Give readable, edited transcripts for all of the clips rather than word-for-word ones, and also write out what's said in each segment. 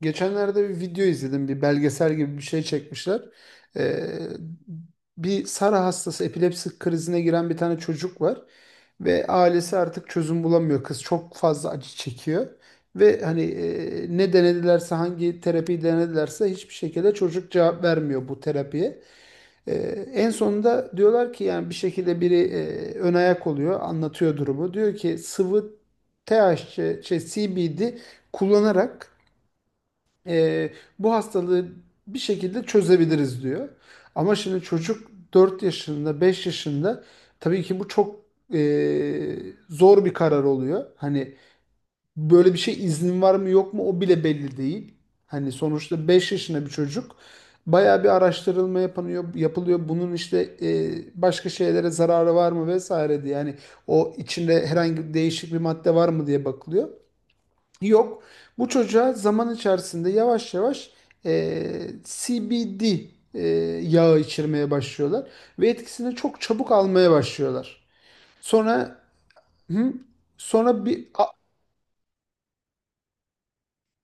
Geçenlerde bir video izledim. Bir belgesel gibi bir şey çekmişler. Ee, bir Sara hastası epilepsi krizine giren bir tane çocuk var. Ve ailesi artık çözüm bulamıyor. Kız çok fazla acı çekiyor. Ve hani ne denedilerse, hangi terapiyi denedilerse hiçbir şekilde çocuk cevap vermiyor bu terapiye. Ee, en sonunda diyorlar ki, yani bir şekilde biri ön ayak oluyor, anlatıyor durumu. Diyor ki sıvı THC, şey, CBD kullanarak e, bu hastalığı bir şekilde çözebiliriz diyor. Ama şimdi çocuk 4 yaşında, 5 yaşında, tabii ki bu çok e, zor bir karar oluyor. Hani böyle bir şey, iznin var mı yok mu, o bile belli değil. Hani sonuçta 5 yaşında bir çocuk, bayağı bir araştırılma yapılıyor, yapılıyor. Bunun işte başka şeylere zararı var mı vesaire diye. Yani o içinde herhangi değişik bir madde var mı diye bakılıyor. Yok. Bu çocuğa zaman içerisinde yavaş yavaş CBD yağı içirmeye başlıyorlar ve etkisini çok çabuk almaya başlıyorlar. Sonra hı, sonra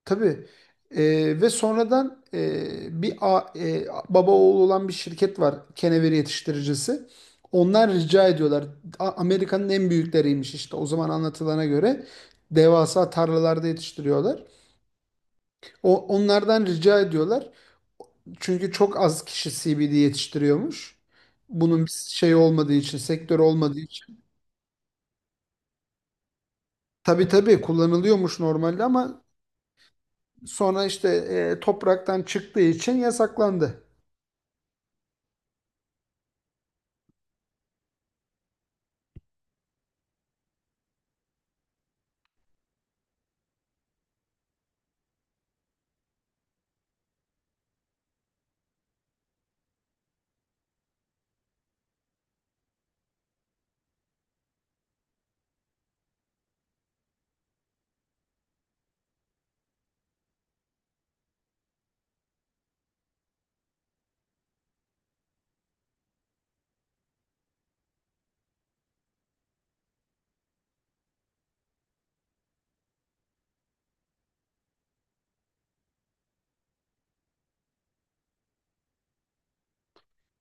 tabii. Ve sonradan bir baba oğlu olan bir şirket var, kenevir yetiştiricisi. Onlar rica ediyorlar. Amerika'nın en büyükleriymiş işte, o zaman anlatılana göre devasa tarlalarda yetiştiriyorlar. Onlardan rica ediyorlar. Çünkü çok az kişi CBD yetiştiriyormuş. Bunun bir şey olmadığı için, sektör olmadığı için. Tabii tabii kullanılıyormuş normalde, ama sonra işte topraktan çıktığı için yasaklandı.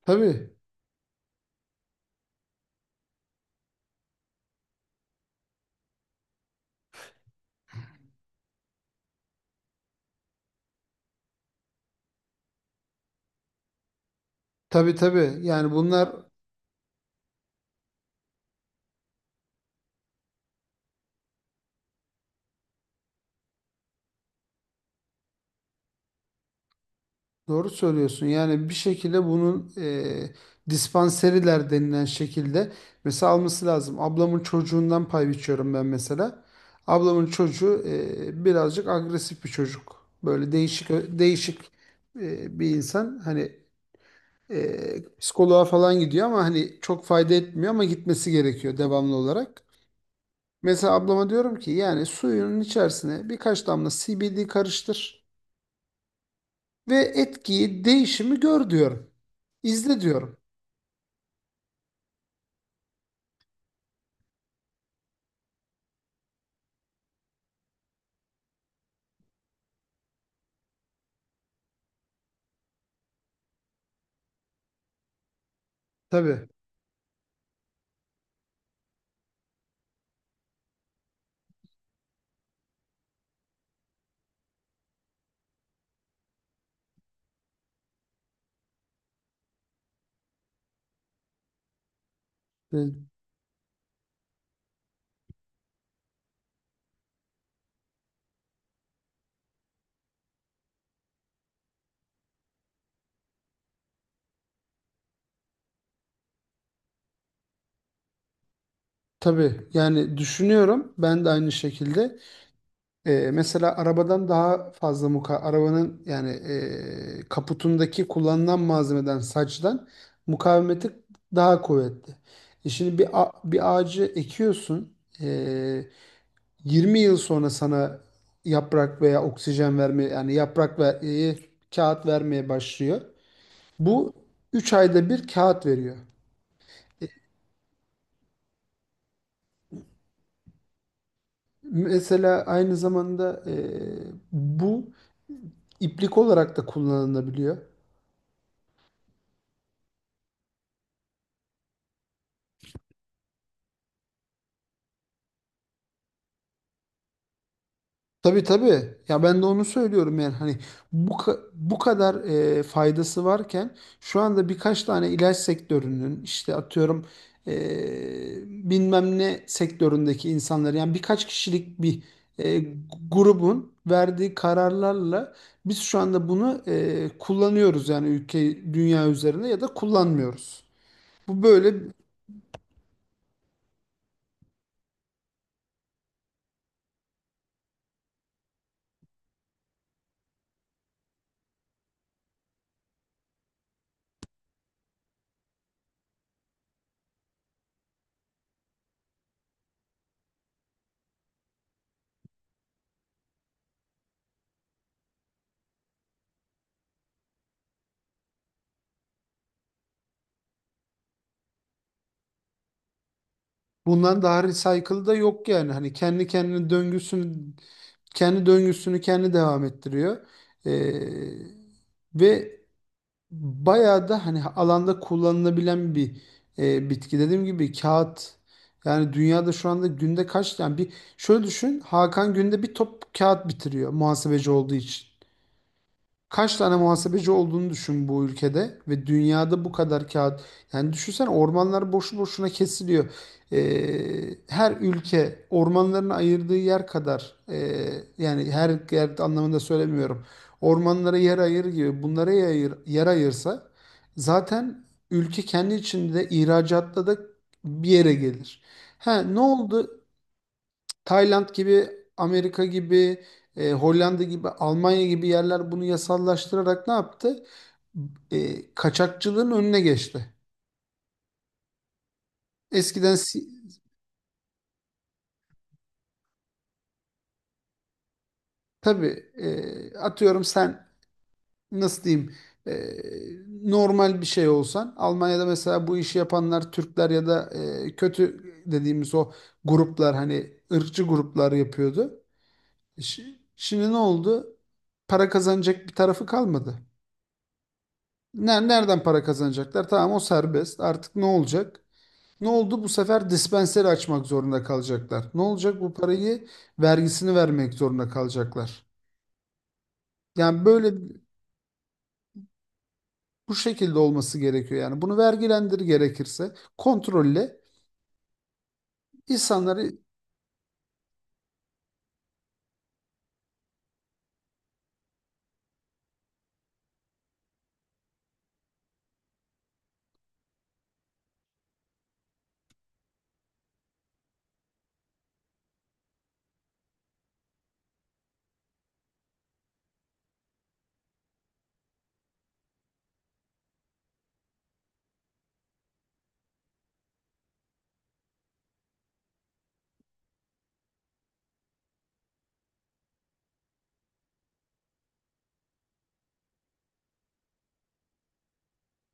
Tabii, tabii tabii. Yani bunlar. Doğru söylüyorsun. Yani bir şekilde bunun dispanseriler denilen şekilde mesela alması lazım. Ablamın çocuğundan pay biçiyorum ben, mesela. Ablamın çocuğu birazcık agresif bir çocuk. Böyle değişik değişik bir insan. Hani psikoloğa falan gidiyor ama hani çok fayda etmiyor, ama gitmesi gerekiyor devamlı olarak. Mesela ablama diyorum ki, yani suyunun içerisine birkaç damla CBD karıştır ve etkiyi, değişimi gör diyorum. İzle diyorum. Tabii. E, tabii. Yani düşünüyorum. Ben de aynı şekilde. Mesela arabadan daha fazla arabanın, yani kaputundaki kullanılan malzemeden, saçtan mukavemeti daha kuvvetli. Şimdi bir ağacı ekiyorsun. E, 20 yıl sonra sana yaprak veya oksijen vermeye, yani yaprak ve kağıt vermeye başlıyor. Bu 3 ayda bir kağıt veriyor. Mesela aynı zamanda bu iplik olarak da kullanılabiliyor. Tabii tabii. Ya ben de onu söylüyorum, yani hani bu kadar faydası varken şu anda birkaç tane ilaç sektörünün işte, atıyorum, e, bilmem ne sektöründeki insanlar, yani birkaç kişilik bir e, grubun verdiği kararlarla biz şu anda bunu kullanıyoruz yani, ülke, dünya üzerinde, ya da kullanmıyoruz. Bu böyle. Bundan daha recycle da yok yani. Hani kendi kendine döngüsünü, kendi döngüsünü kendi devam ettiriyor. Ee, ve bayağı da hani alanda kullanılabilen bir bitki. Dediğim gibi kağıt, yani dünyada şu anda günde kaç tane, bir şöyle düşün Hakan, günde bir top kağıt bitiriyor muhasebeci olduğu için. Kaç tane muhasebeci olduğunu düşün bu ülkede ve dünyada, bu kadar kağıt. Yani düşünsen ormanlar boşu boşuna kesiliyor. Her ülke ormanlarını ayırdığı yer kadar yani her yer anlamında söylemiyorum. Ormanlara yer ayır gibi, bunlara yer ayırsa zaten ülke kendi içinde ihracatta da bir yere gelir. Ha, ne oldu? Tayland gibi, Amerika gibi, Hollanda gibi, Almanya gibi yerler bunu yasallaştırarak ne yaptı? Kaçakçılığın önüne geçti. Eskiden tabii, atıyorum sen, nasıl diyeyim, e, normal bir şey olsan, Almanya'da mesela bu işi yapanlar Türkler ya da kötü dediğimiz o gruplar, hani ırkçı gruplar yapıyordu. Şimdi ne oldu? Para kazanacak bir tarafı kalmadı. Nereden para kazanacaklar? Tamam, o serbest. Artık ne olacak? Ne oldu? Bu sefer dispenseri açmak zorunda kalacaklar. Ne olacak? Bu parayı, vergisini vermek zorunda kalacaklar. Yani böyle, bu şekilde olması gerekiyor. Yani bunu vergilendir, gerekirse kontrolle insanları.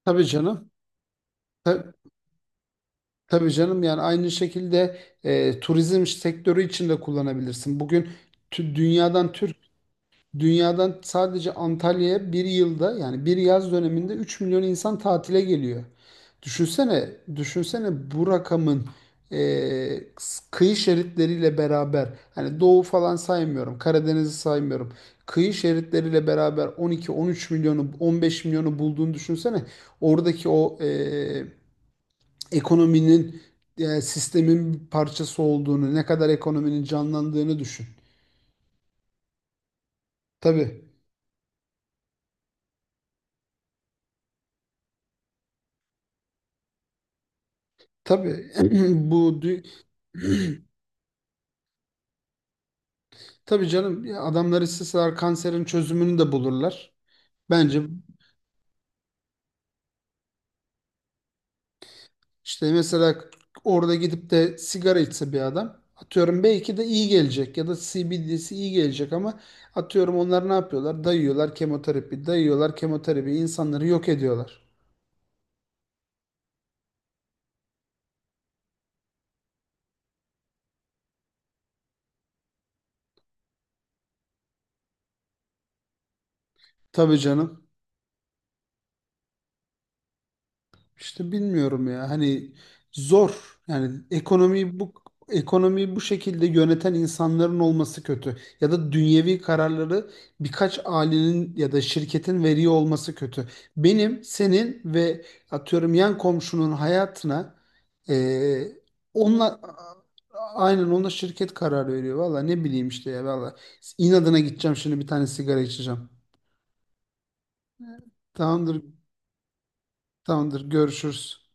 Tabii canım. Ta- tabii canım, yani aynı şekilde turizm sektörü için de kullanabilirsin. Bugün dünyadan Türkiye. Dünyadan sadece Antalya'ya bir yılda, yani bir yaz döneminde 3 milyon insan tatile geliyor. Düşünsene, düşünsene bu rakamın e, kıyı şeritleriyle beraber, hani doğu falan saymıyorum, Karadeniz'i saymıyorum. Kıyı şeritleriyle beraber 12-13 milyonu, 15 milyonu bulduğunu düşünsene. Oradaki o ekonominin, sistemin bir parçası olduğunu, ne kadar ekonominin canlandığını düşün. Tabii. Tabii bu dü- Tabii canım, ya adamlar isteseler kanserin çözümünü de bulurlar. Bence işte mesela, orada gidip de sigara içse bir adam, atıyorum belki de iyi gelecek ya da CBD'si iyi gelecek, ama atıyorum onlar ne yapıyorlar? Dayıyorlar kemoterapi, dayıyorlar kemoterapi, insanları yok ediyorlar. Tabii canım. İşte bilmiyorum ya, hani zor yani, ekonomiyi bu şekilde yöneten insanların olması kötü, ya da dünyevi kararları birkaç ailenin ya da şirketin veriyor olması kötü. Benim, senin ve atıyorum yan komşunun hayatına eee onunla, aynen onunla, şirket karar veriyor. Valla ne bileyim işte ya, valla inadına gideceğim şimdi, bir tane sigara içeceğim. Tamamdır, tamamdır, görüşürüz.